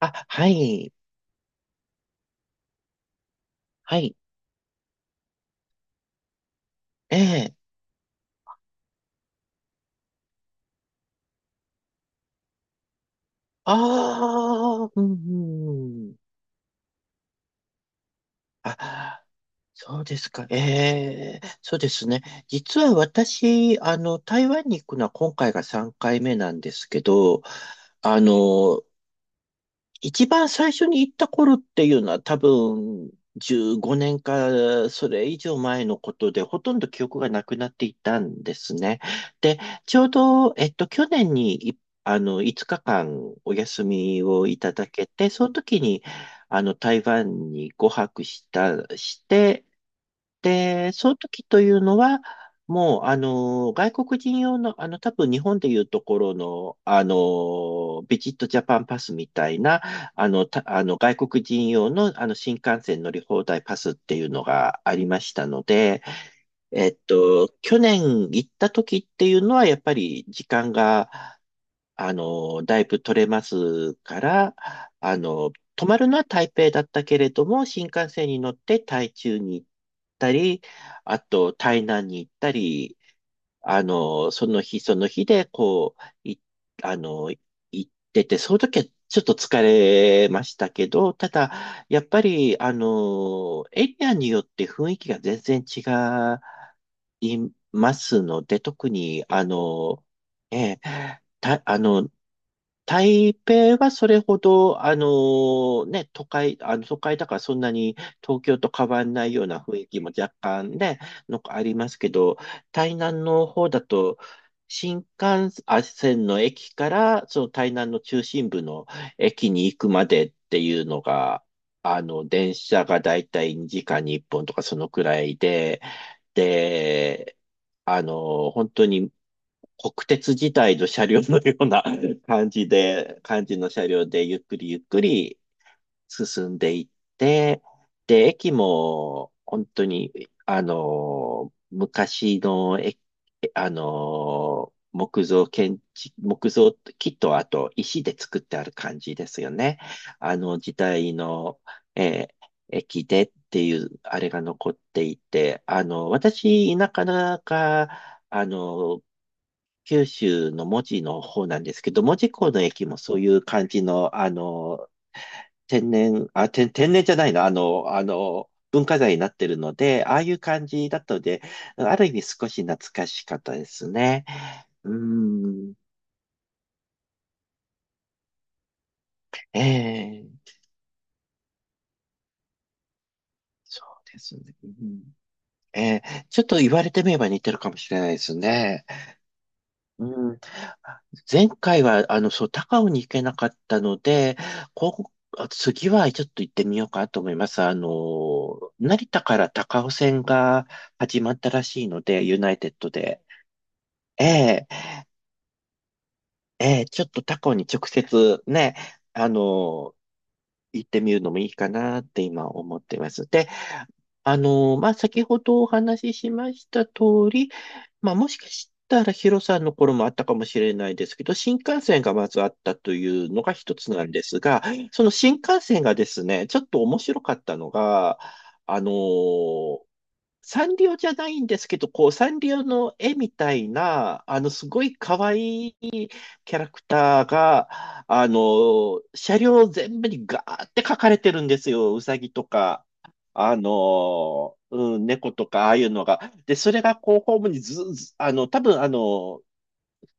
あ、はい、はい、ええ。ああ、うん、うん。あ、そうですか、ええ、そうですね。実は私、台湾に行くのは今回が3回目なんですけど、あの、一番最初に行った頃っていうのは多分15年かそれ以上前のことでほとんど記憶がなくなっていたんですね。で、ちょうど、去年にいあの5日間お休みをいただけて、その時にあの台湾にご泊した、して、で、その時というのは、もう、外国人用の、多分日本でいうところの、ビジットジャパンパスみたいな、あの、た、あの、外国人用の、新幹線乗り放題パスっていうのがありましたので、去年行った時っていうのは、やっぱり時間が、だいぶ取れますから、泊まるのは台北だったけれども、新幹線に乗って台中に行ったり、あと台南に行ったり、その日その日で、こう、い、あの、行ってて、その時はちょっと疲れましたけど、ただ、やっぱり、エリアによって雰囲気が全然違いますので、特に、ええ、た、あの、台北はそれほど、あのね、あの都会だからそんなに東京と変わんないような雰囲気も若干ね、のありますけど、台南の方だと、新幹線の駅から、その台南の中心部の駅に行くまでっていうのが、電車がだいたい2時間に1本とかそのくらいで、で、本当に国鉄時代の車両のような 感じの車両でゆっくりゆっくり進んでいって、で、駅も本当に、昔の駅、木造建築、木とあと石で作ってある感じですよね。あの時代の、えー駅でっていうあれが残っていて、私、田舎だか、あの、九州の門司の方なんですけど、門司港の駅もそういう感じの、天然じゃないの、あの、あの、文化財になってるので、ああいう感じだったので、ある意味少し懐かしかったですね。うーん、ええ、そうですね。うん、ええ、ちょっと言われてみれば似てるかもしれないですね。うん、前回は、高尾に行けなかったので、こう、次はちょっと行ってみようかなと思います。成田から高尾線が始まったらしいので、ユナイテッドで。ええ、ええ、ちょっと他校に直接ね、あの、行ってみるのもいいかなって今思ってます。で、まあ、先ほどお話ししました通り、まあ、もしかしたらヒロさんの頃もあったかもしれないですけど、新幹線がまずあったというのが一つなんですが、その新幹線がですね、ちょっと面白かったのが、あの、サンリオじゃないんですけど、こう、サンリオの絵みたいな、すごい可愛いキャラクターが、車両全部にガーって書かれてるんですよ。ウサギとか、猫とか、ああいうのが。で、それがこう、ホームにず、ずあの、多分あの、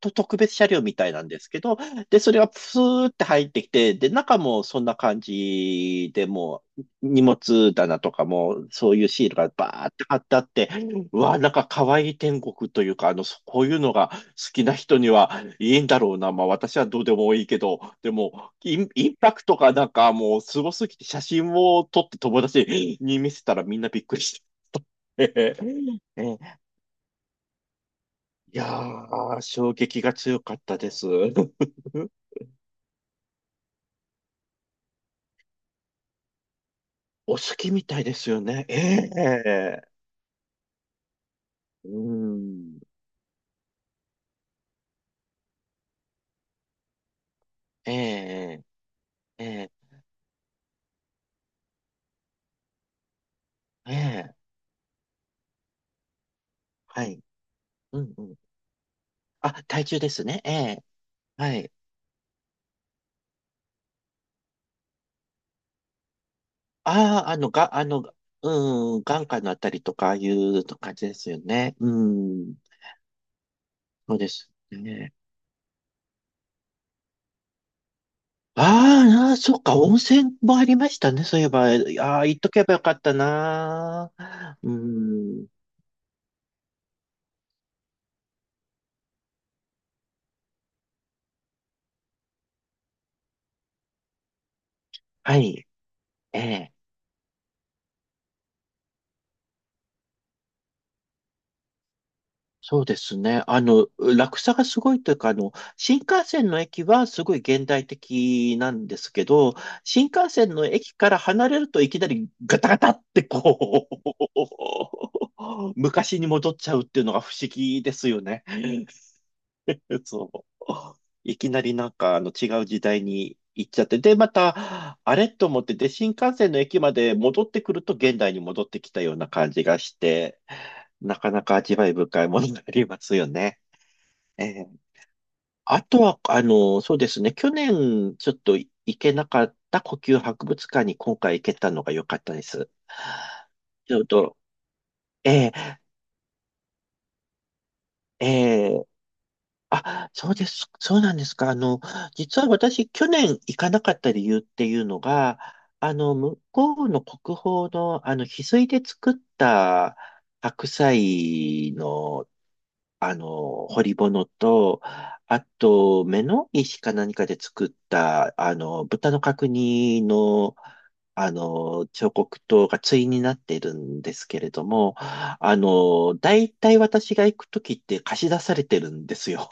と特別車両みたいなんですけど、で、それがプスーって入ってきて、で、中もそんな感じでもう、荷物棚とかも、そういうシールがバーって貼ってあって、うわ、なんか可愛い天国というか、そこういうのが好きな人にはいいんだろうな。まあ私はどうでもいいけど、でも、インパクトがなんかもうすごすぎて写真を撮って友達に見せたらみんなびっくりして。えやー、衝撃が強かったです。お好きみたいですよね。ええ、うん。ええ、ええ、ええ、はい。うん、うん。あ、体重ですね。ええ、はい。ああ、あの、が、あの、うん、眼下のあたりとか、ああいう感じですよね。うん。そうですね。ああ、そっか、温泉もありましたね。そういえば、ああ、行っとけばよかったな。うん。はい。ええ、そうですね。落差がすごいというか、新幹線の駅はすごい現代的なんですけど、新幹線の駅から離れるといきなりガタガタって昔に戻っちゃうっていうのが不思議ですよね。そう。いきなりなんかあの違う時代に行っちゃって、で、また、あれと思って、で、新幹線の駅まで戻ってくると現代に戻ってきたような感じがして、なかなか味わい深いものになりますよね。ええ、あとは、そうですね。去年、ちょっと行けなかった故宮博物館に今回行けたのが良かったです。ちょっと、ええ、ええ、あ、そうです。そうなんですか。実は私、去年行かなかった理由っていうのが、向こうの国宝の、翡翠で作った白菜の、彫り物と、あと、目の石か何かで作った、豚の角煮の、彫刻刀が対になっているんですけれども、大体私が行くときって貸し出されてるんですよ。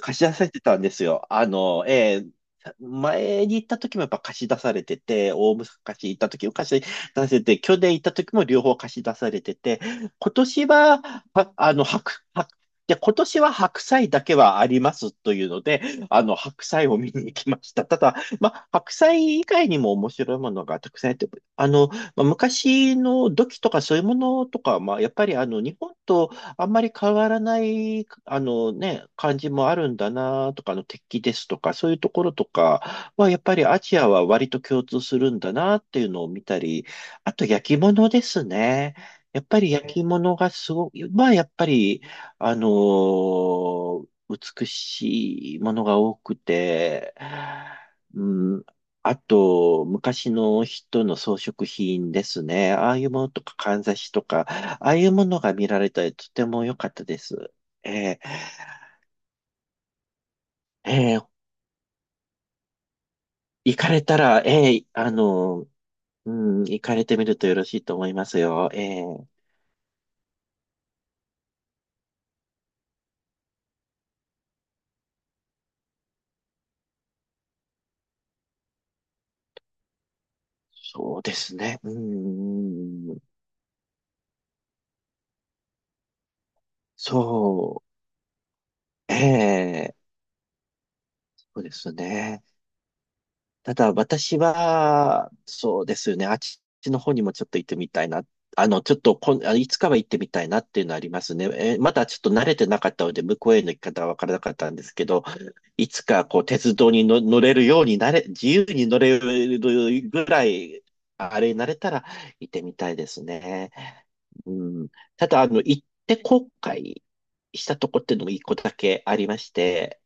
貸し出されてたんですよ。前に行った時もやっぱ貸し出されてて、大昔行った時も貸し出されて、去年行った時も両方貸し出されてて、今年は、はあの、白、白、で、今年は白菜だけはありますというので、白菜を見に行きました。ただ、まあ、白菜以外にも面白いものがたくさんあって、あの、まあ、昔の土器とかそういうものとか、まあ、やっぱりあの、日本とあんまり変わらない、あのね、感じもあるんだなとか、あの鉄器ですとか、そういうところとかは、やっぱりアジアは割と共通するんだなっていうのを見たり、あと焼き物ですね。やっぱり焼き物がすごく、まあやっぱり、あのー美しいものが多くて、うん、あと、昔の人の装飾品ですね。ああいうものとか、かんざしとか、ああいうものが見られたり、とても良かったです。えー、えー行かれたら、行かれてみるとよろしいと思いますよ。そうですね。うん、そう、えー、そうですね。ただ私は、そうですね、あっちの方にもちょっと行ってみたいな。あの、ちょっとこん、あいつかは行ってみたいなっていうのはありますね。まだちょっと慣れてなかったので、向こうへの行き方はわからなかったんですけど、いつかこう、鉄道にの乗れるようになれ、自由に乗れるぐらい、あれになれたら行ってみたいですね。うん。ただ、行って後悔したとこっていうのも一個だけありまして、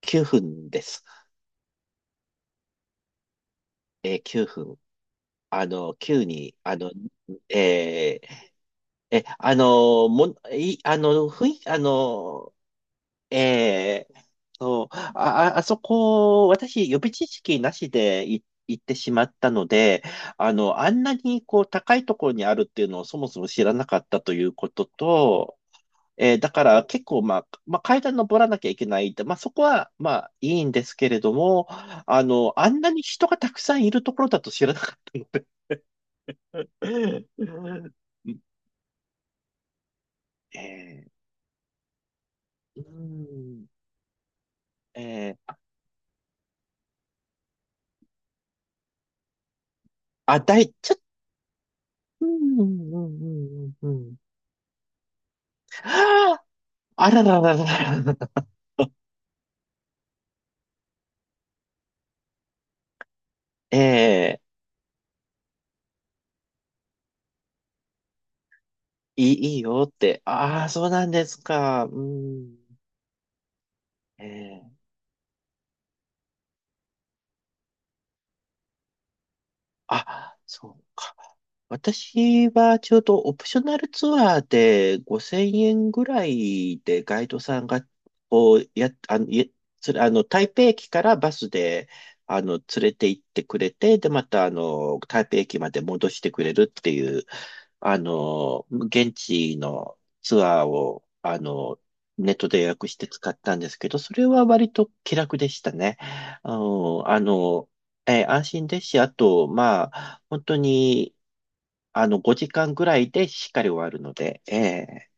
9分です。えー、9分。あの、急に、あの、えーえ、あの、も、い、あの、ふい、あの、えーそう、あ、ああそこ、私、予備知識なしで行ってしまったので、あんなに、こう、高いところにあるっていうのをそもそも知らなかったということと、だから結構、まあ、階段登らなきゃいけないって、まあ、そこは、まあ、いいんですけれども、あんなに人がたくさんいるところだと知らなかったので、 ええ、うん、ええ、あ、あだい、ちょっと、うん、うん、うん、うん、うん。ああ、あららららららら。ええ、いい、いいよって。ああ、そうなんですか。うん。ええ、あ、そうか。私はちょうどオプショナルツアーで5000円ぐらいでガイドさんが、こう、や、あの、いそれ、台北駅からバスで、連れて行ってくれて、で、また、台北駅まで戻してくれるっていう現地のツアーを、ネットで予約して使ったんですけど、それは割と気楽でしたね。あの、あのえー、安心ですし、あと、まあ、本当に、5時間ぐらいでしっかり終わるので、ええ